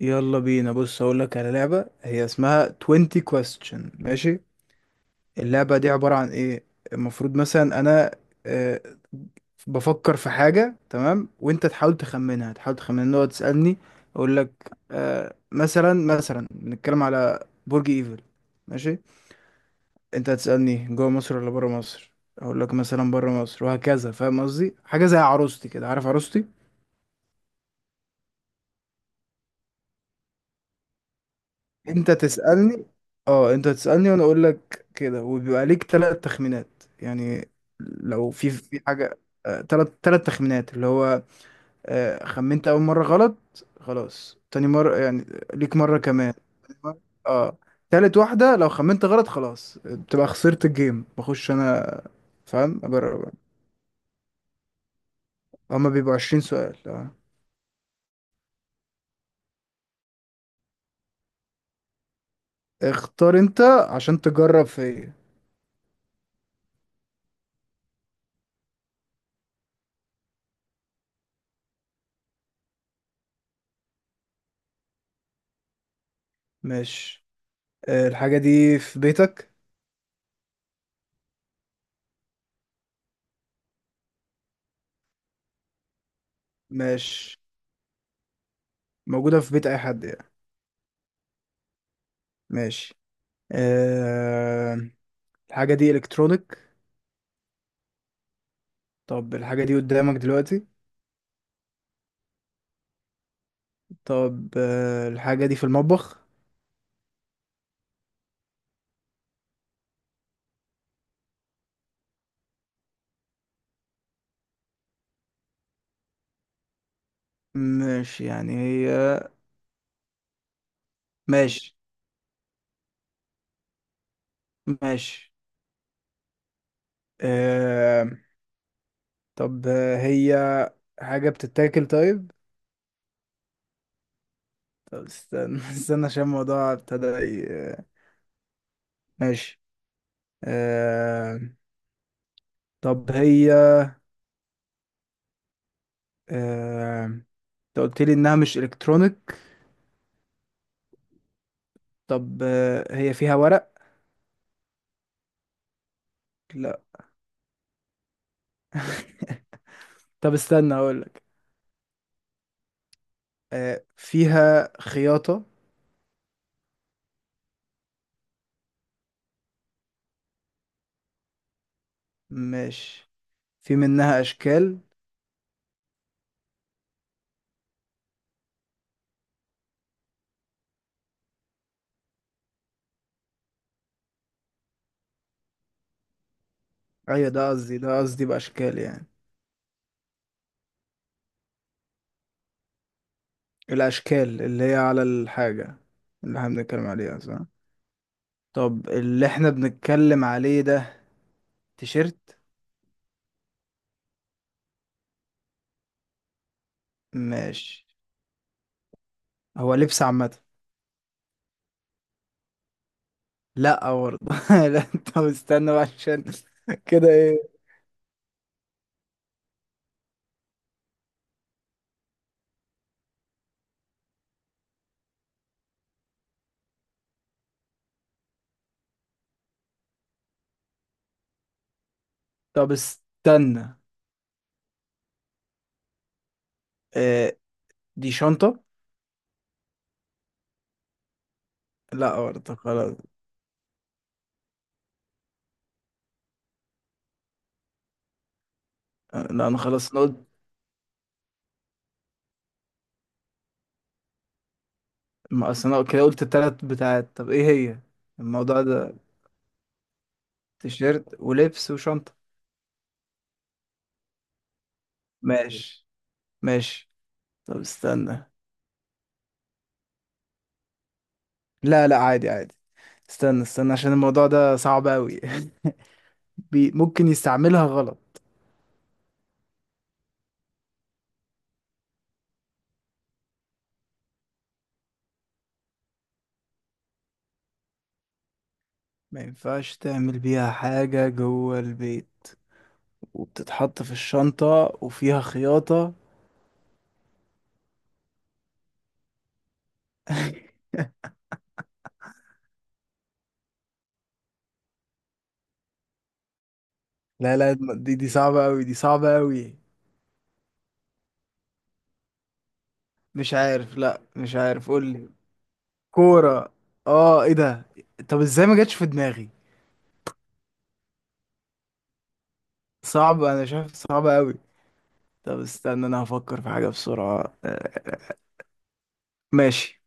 يلا بينا. بص، هقول لك على لعبة هي اسمها 20 question، ماشي؟ اللعبة دي عبارة عن ايه؟ المفروض مثلا انا آه، بفكر في حاجة، تمام؟ وانت تحاول تخمنها، نقعد تسألني، اقول لك. مثلا بنتكلم على برج ايفل، ماشي؟ انت هتسألني جوه مصر ولا بره مصر، اقول لك مثلا بره مصر، وهكذا. فاهم قصدي؟ حاجة زي عروستي كده، عارف عروستي؟ انت تسألني، اه انت تسألني وانا اقول لك كده، وبيبقى ليك 3 تخمينات يعني. لو في حاجة، ثلاث تخمينات، اللي هو خمنت اول مرة غلط، خلاص تاني مرة يعني، ليك مرة كمان. تاني مرة- اه، تالت واحدة لو خمنت غلط خلاص بتبقى خسرت الجيم. بخش انا، فاهم؟ اجرب. هما بيبقوا 20 سؤال، اه. اختار انت عشان تجرب فيا. ماشي. الحاجة دي في بيتك؟ ماشي. موجودة في بيت أي حد يعني؟ ماشي. أه... الحاجة دي إلكترونيك؟ طب الحاجة دي قدامك دلوقتي؟ طب الحاجة دي في المطبخ؟ ماشي يعني هي. ماشي ماشي. أه... طب هي حاجة بتتاكل؟ طيب. طب استنى استنى عشان الموضوع ابتدى ماشي. أه... طب هي أه... انت قلت لي انها مش الكترونيك. طب هي فيها ورق؟ لا. طب استنى اقول، فيها خياطة؟ مش في منها أشكال؟ أيوة، ده قصدي بأشكال يعني. الأشكال اللي هي على الحاجة اللي احنا بنتكلم عليها، صح؟ طب اللي احنا بنتكلم عليه ده تيشيرت؟ ماشي. هو لبس عامة؟ لا برضه لا. طب استنى بقى عشان... كده ايه. طب استنى. آه، دي شنطة؟ لا برضه، خلاص. لا انا خلاص، انا قلت. ما اصل انا كده قلت التلات بتاعت. طب ايه هي؟ الموضوع ده تيشيرت ولبس وشنطة. ماشي ماشي. طب استنى. لا لا، عادي عادي. استنى استنى عشان الموضوع ده صعب أوي. بي ممكن يستعملها غلط. ما ينفعش تعمل بيها حاجة جوه البيت، وبتتحط في الشنطة وفيها خياطة. لا لا، دي صعبة أوي، دي صعبة أوي. مش عارف، لا مش عارف، قولي. كورة! اه، ايه ده. طب ازاي ما جاتش في دماغي! صعب، انا شايف صعب أوي. طب استنى، انا هفكر في حاجة بسرعة. ماشي.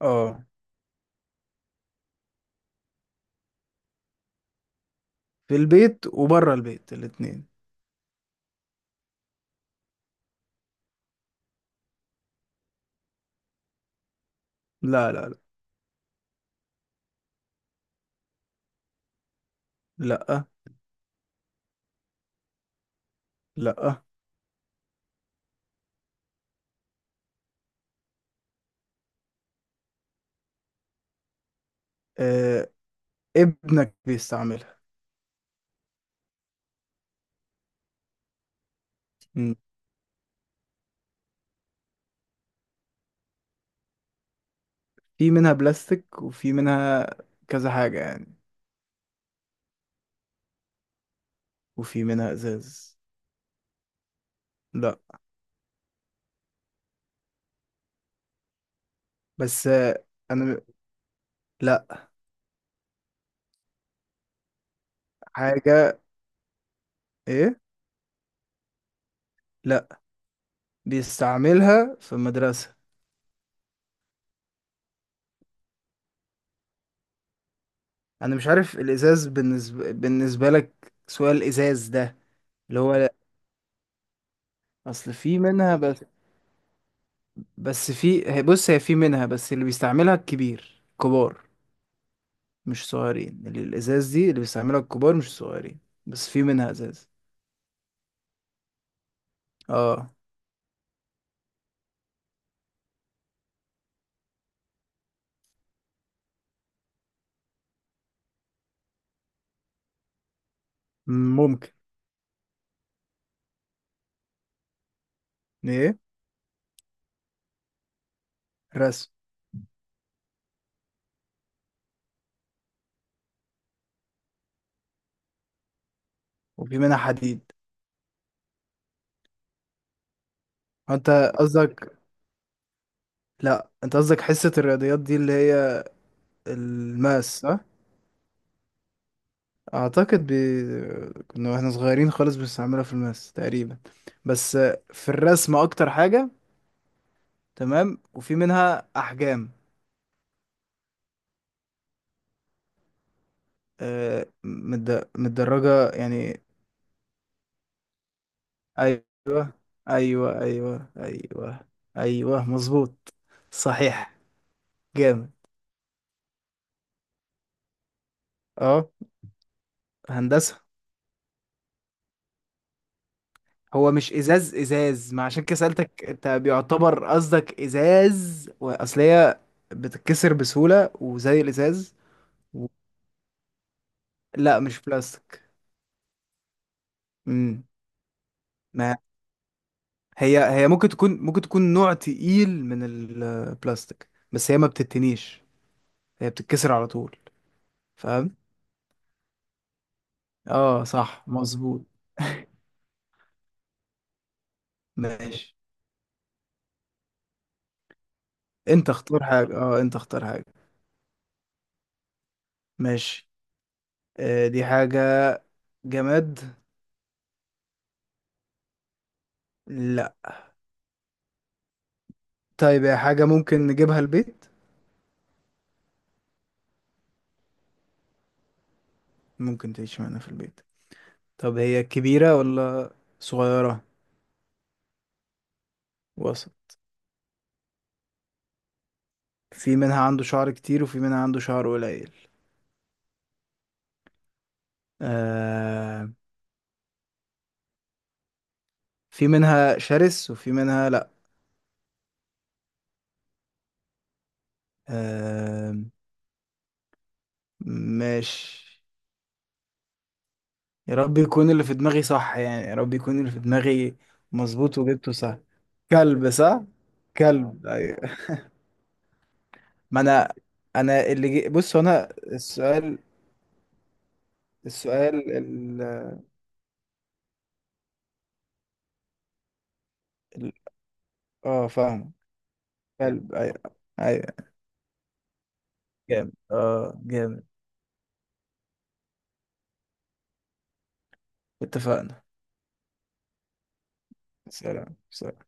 اه. في البيت وبره البيت الاتنين. لا لا لا. لا. لا آه، ابنك بيستعملها. مم. في منها بلاستيك وفي منها كذا حاجة يعني. وفي منها ازاز. لا. بس انا. لا. حاجة. ايه؟ لا. بيستعملها في المدرسة. انا مش عارف الازاز بالنسبة لك، سؤال الازاز ده اللي هو، لا. اصل في منها بس. بس بص، هي في منها بس اللي بيستعملها الكبير، كبار، مش صغيرين. اللي الازاز دي اللي بيستعملها الكبار مش الصغيرين. بس في منها ازاز. اه. ممكن. ايه. رسم. وفي منها حديد. انت قصدك، لا انت قصدك حصة الرياضيات دي اللي هي الماس، صح؟ اعتقد بي... كنا واحنا صغيرين خالص بنستعملها في الماس تقريبا. بس في الرسم اكتر حاجة. تمام، وفي منها احجام. متدرجة يعني. ايوه ايوه ايوه ايوه. ايوه مظبوط. صحيح. جامد. اه، هندسة. هو مش ازاز، ما عشان كده سألتك انت بيعتبر قصدك ازاز، واصل هي بتتكسر بسهولة وزي الازاز. و... لا مش بلاستيك. امم ما هي ممكن تكون، نوع تقيل من البلاستيك بس هي ما بتتنيش، هي بتتكسر على طول. فاهم؟ اه صح، مظبوط. ماشي. انت اختار حاجة، اه انت اختار حاجة. ماشي. دي حاجة جماد؟ لا. طيب هي حاجة ممكن نجيبها البيت؟ ممكن تعيش معانا في البيت. طب هي كبيرة ولا صغيرة؟ وسط. في منها عنده شعر كتير وفي منها عنده شعر قليل. آه. في منها شرس وفي منها لا. آه ماشي. يا رب يكون اللي في دماغي صح يعني، يا رب يكون اللي في دماغي. مظبوط وجبته صح؟ كلب، صح؟ كلب، أيوة. ما انا اللي بص، هو انا السؤال. السؤال ال... ال... اه فاهم. جامد، قلب، ايوه. ايوه جامد، اه جامد. اتفقنا. سلام سلام.